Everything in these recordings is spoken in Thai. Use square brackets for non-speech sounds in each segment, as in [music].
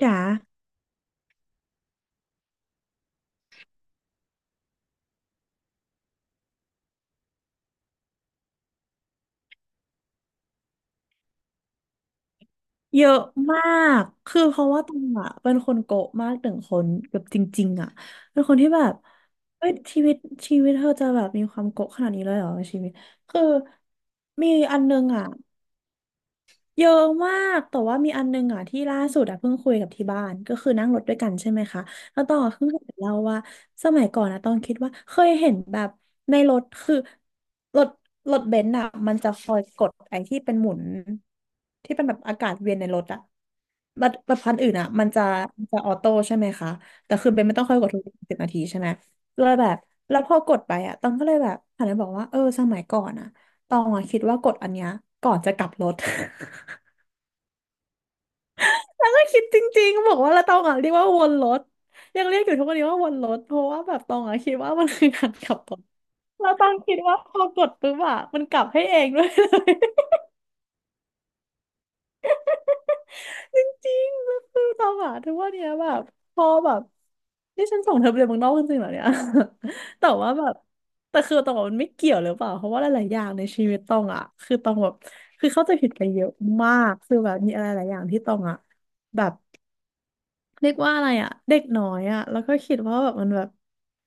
จ๋าเยอะมากคือเพราะว่าตองอ่ะเป็นคนโกะมากหนึ่งคนแบบจริงๆอ่ะเป็นคนที่แบบเฮ้ยชีวิตเธอจะแบบมีความโกะขนาดนี้เลยเหรอชีวิตคือมีอันนึงอ่ะ เยอะมากแต่ว่ามีอันนึงอ่ะที่ล่าสุดอ่ะเพิ่งคุยกับที่บ้านก็คือนั่งรถด้วยกันใช่ไหมคะแล้วตองอะเพิ่งเห็นเล่าว่าสมัยก่อนอ่ะต้องคิดว่าเคยเห็นแบบในรถคือรถรถเบนซ์อ่ะมันจะคอยกดไอ้ที่เป็นหมุนที่เป็นแบบอากาศเวียนในรถอ่ะรถคันอื่นอ่ะมันจะมันจะออโต้ใช่ไหมคะแต่คือเบนซ์ไม่ต้องคอยกดทุกสิบนาทีใช่ไหมเลยแบบแล้วพอกดไปอ่ะต้องก็เลยแบบหันไปบอกว่าเออสมัยก่อนอ่ะตองอ่ะคิดว่ากดอันเนี้ยก่อนจะกลับรถ [laughs] แล้วก็คิดจริงๆบอกว่าเราตองอ่ะเรียกว่าวนรถยังเรียกอยู่ทุกวันนี้ว่าวนรถเพราะว่าแบบตองอ่ะคิดว่ามันคือการขับรถเราตองคิดว่าพอกดปุ๊บอ่ะมันกลับให้เองด้วยเลย [laughs] จริงๆก็คือตองอ่ะทุกวันเนี้ยแบบพอแบบนี่ฉันส่งเธอไปเรียนเมืองนอกจริงๆเหรอเนี่ย [laughs] แต่ว่าแบบแต่คือตองบอกมันไม่เกี่ยวหรือเปล่าเพราะว่าหลายๆอย่างในชีวิตตองอ่ะคือตองแบบคือเข้าใจผิดไปเยอะมากคือแบบมีอะไรหลายอย่างที่ตองอ่ะแบบ เรียกว่าอะไรอ่ะเด็กน้อยอ่ะแล้วก็คิดว่าแบบมันแบบ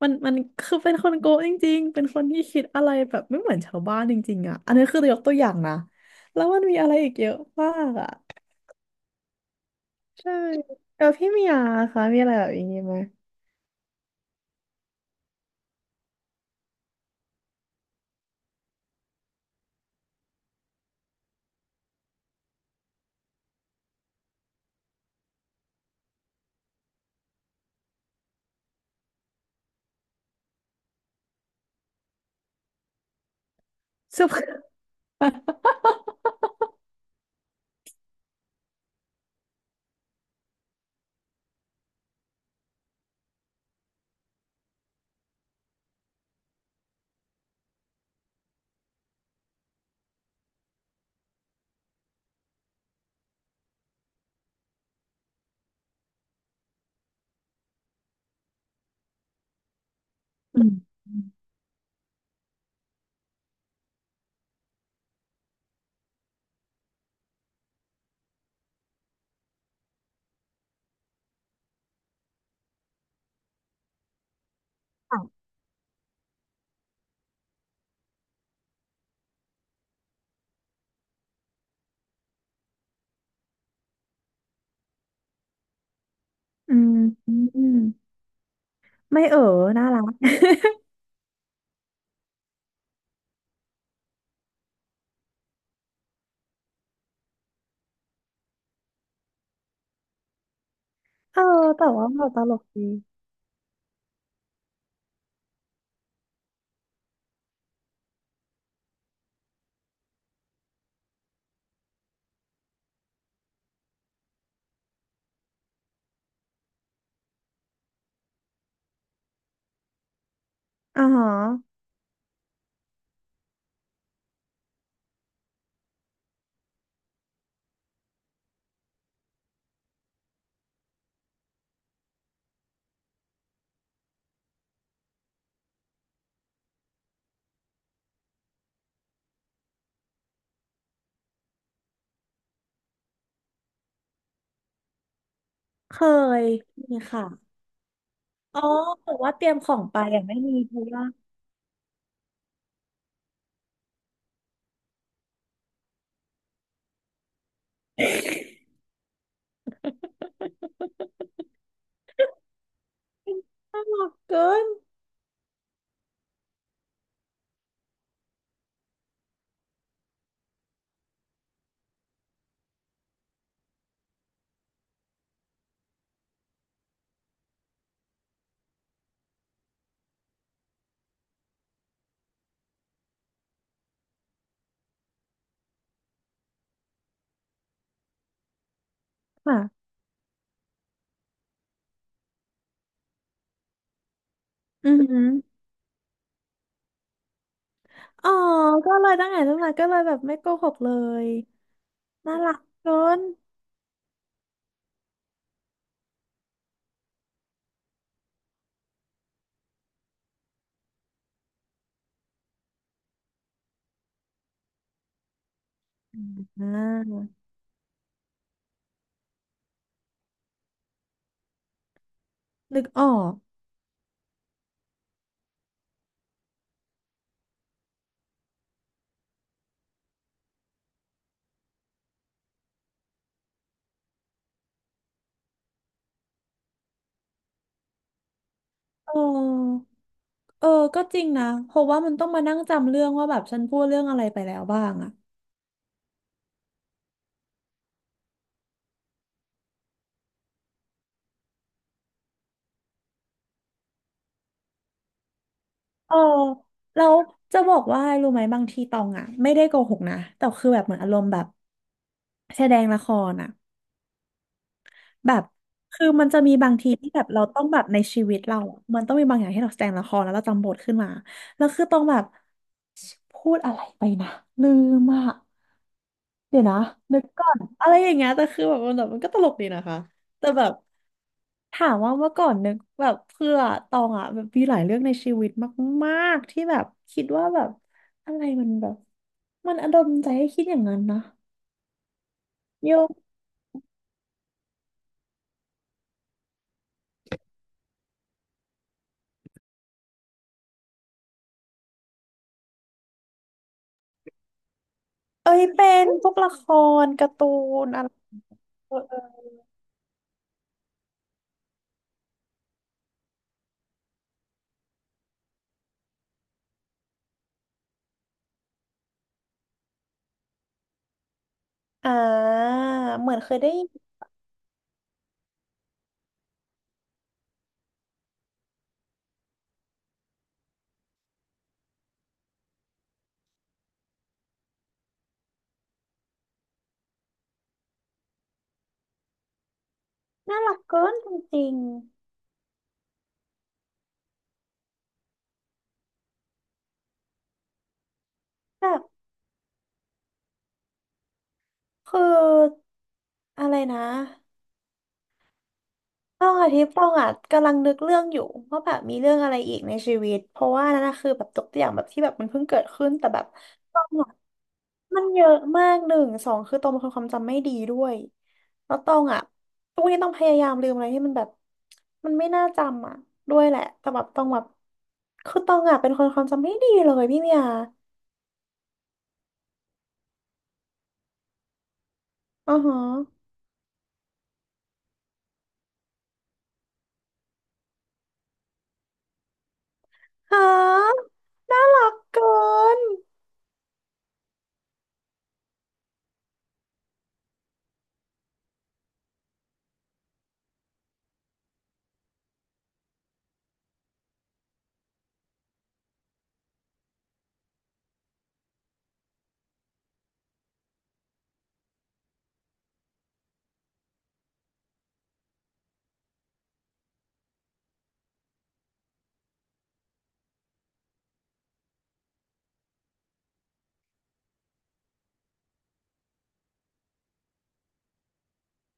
มันคือเป็นคนโกะจริงๆเป็นคนที่คิดอะไรแบบไม่เหมือนชาวบ้านจริงๆอ่ะอันนี้คือยกตัวอย่างนะแล้วมันมีอะไรอีกเยอะมากอ่ะใช่แล้วพี่เมียคะมีอะไรแบบอย่างนี้ไหมซุป [laughs] อืมค่ะอืม [laughs] อืมไม่น่ารักเออแต่ว่าเราตลกดีอ่าฮะเคยมีค่ะอ๋อแต่ว่าเตรียมของไปอ่ะไม่มีเพราะว่า [laughs] น่ารักเกินค่ะอือหืออ๋อก็เลยตั้งแต่ก็เลยแบบไม่โกหกเลยน่ารักเกินอ่านึกออกเออเออก็จริงนะเพราะว่ามันต้องมานั่งจำเรื่องว่าแบบฉันพูดเรื่องอะไรไปแล้วบ้างอะเออแล้วจะบอกว่ารู้ไหมบางทีตองอะไม่ได้โกหกนะแต่คือแบบเหมือนอารมณ์แบบแสดงละครอะ แบบคือมันจะมีบางทีที่แบบเราต้องแบบในชีวิตเราอะมันต้องมีบางอย่างที่เราแสดงละครแล้วเราจำบทขึ้นมา แล้วคือต้องแบบพูดอะไรไปนะลืมอาะเดี๋ยวนะนึกก่อนอะไรอย่างเงี้ยแต่คือแบบมันแบบมันก็ตลกดีนะคะ แต่แบบถามว่าเมื่อก่อนนึกแบบเพื่อตองอ่ะแบบมีหลายเรื่องในชีวิตมากๆที่แบบคิดว่าแบบอะไรมันแบบมันอดลใจให้คิดอย่างนั้นนะโยเอ้ยเป็นพวกละครการ์ตูนอะไร อ่าเหมือนเคยได้ยินน่ารักเกินจริงๆแบบคืออะไรนะต้องอาทิตย์ต้องอ่ะกำลังนึกเรื่องอยู่ว่าแบบมีเรื่องอะไรอีกในชีวิตเพราะว่านั่นนะคือแบบยกตัวอย่างแบบที่แบบมันเพิ่งเกิดขึ้นแต่แบบต้องอ่ะมันเยอะมากหนึ่งสองคือตองเป็นคนความจำไม่ดีด้วยแล้วตองอ่ะทุกวันนี้ต้องพยายามลืมอะไรที่มันแบบมันไม่น่าจำอ่ะด้วยแหละแต่แบบต้องแบบคือตองอ่ะเป็นคนความจำไม่ดีเลยพี่เมียอือฮะ ฮะน่ารักเกิน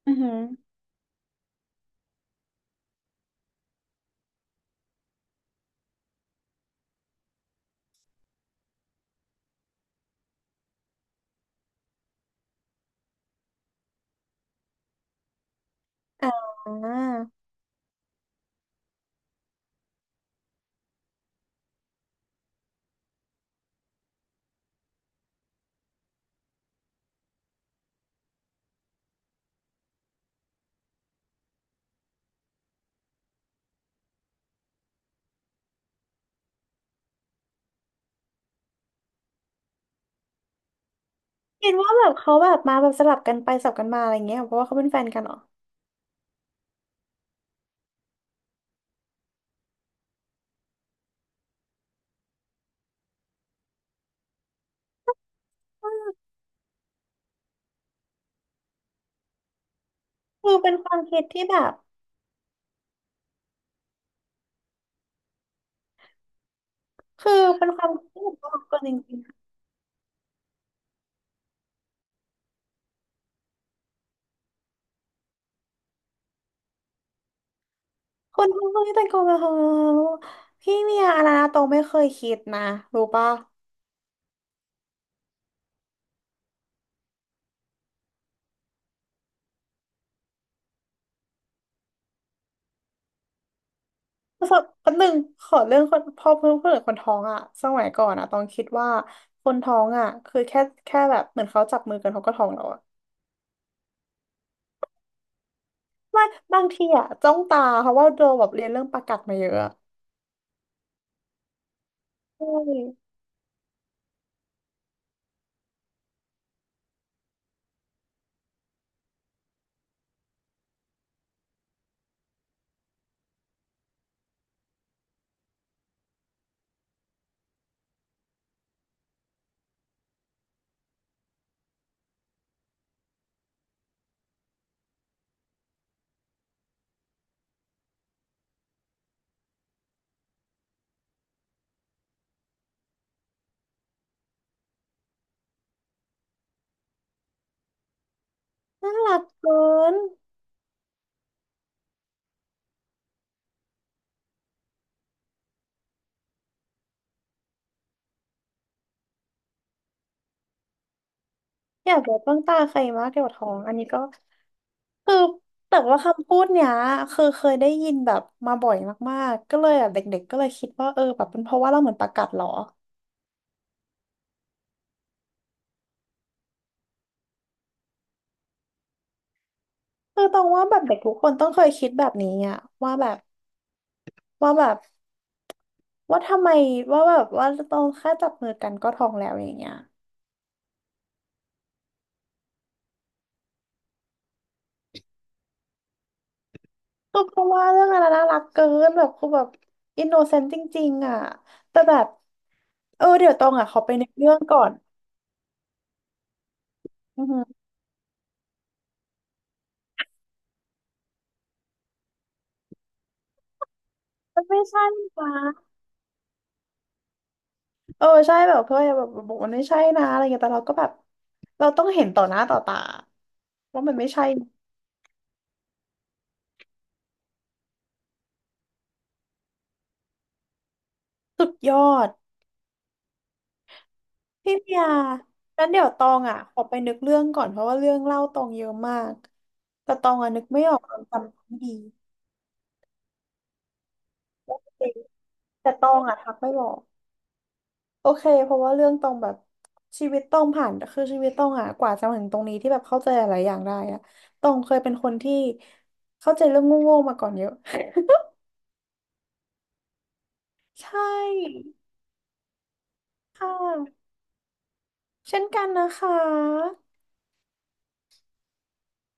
อือหืออ่าคิดว่าแบบเขาแบบมาแบบสลับกันไปสลับกันมาอะไรเงี้ยเพราะว่าเขาเป็นแฟนกันเหรอคือเป็นความคิดที่แบบคือเป็นความคิดที่แบบน่ารักเกินจริงๆคนทั้งคนที่แต่งตัวแบบเฮพี่เมียอาราโตไม่เคยคิดนะรู้ปะปรกสบคนหนึ่งขอเรื่องคนพอเพื่อนเพื่อนคนท้องอะสมัยก่อนอะตองคิดว่าคนท้องอะคือแค่แบบเหมือนเขาจับมือกันเขาก็ท้องแล้วอะ ไม่บางทีอะจ้องตาเพราะว่าโดแบบเรียนเรื่องประกัดมาเยอะอะใช่น่ารักเกินอยากแบบจ้องตาใครมากเกี่ยวกับท้องอันนี้ก็คือแต่ว่าคำพูดเนี้ยคือเคยได้ยินแบบมาบ่อยมากๆก็เลยแบบเด็กๆก็เลยคิดว่าเออแบบเป็นเพราะว่าเราเหมือนประกัดเหรอคือตองว่าแบบเด็กทุกคนต้องเคยคิดแบบนี้อะว่าแบบว่าแบบว่าทำไมว่าแบบว่าต้องแค่จับมือกันก็ท้องแล้วอย่างเงี้ย คือเพราะว่าเรื่องอะไรน่ารักเกินแบบคือแบบอินโนเซนต์จริงๆอ่ะแต่แบบเออเดี๋ยวตองอ่ะขอไปในกเรื่องก่อนอือหือมันไม่ใช่นะเออใช่แบบเพื่อนแบบบอกมันไม่ใช่นะอะไรเงี้ยแต่เราก็แบบเราต้องเห็นต่อหน้าต่อตาว่ามันไม่ใช่สุดยอดพี่เมียงั้นเดี๋ยวตองอ่ะขอไปนึกเรื่องก่อนเพราะว่าเรื่องเล่าตองเยอะมากแต่ตองอ่ะนึกไม่ออกตองจำไม่ดีแต่ตองอ่ะทักไม่บอก โอเค เพราะว่าเรื่องต้องแบบชีวิตต้องผ่าน คือชีวิตต้องอะกว่าจะมาถึงตรงนี้ที่แบบเข้าใจหลายอย่างได้อะต้องเคยเป็นคนที่เข้าใจเรื่องโง่ๆมาก่อนเยอะ [laughs] ใช่ค่ะเช่นกันนะคะ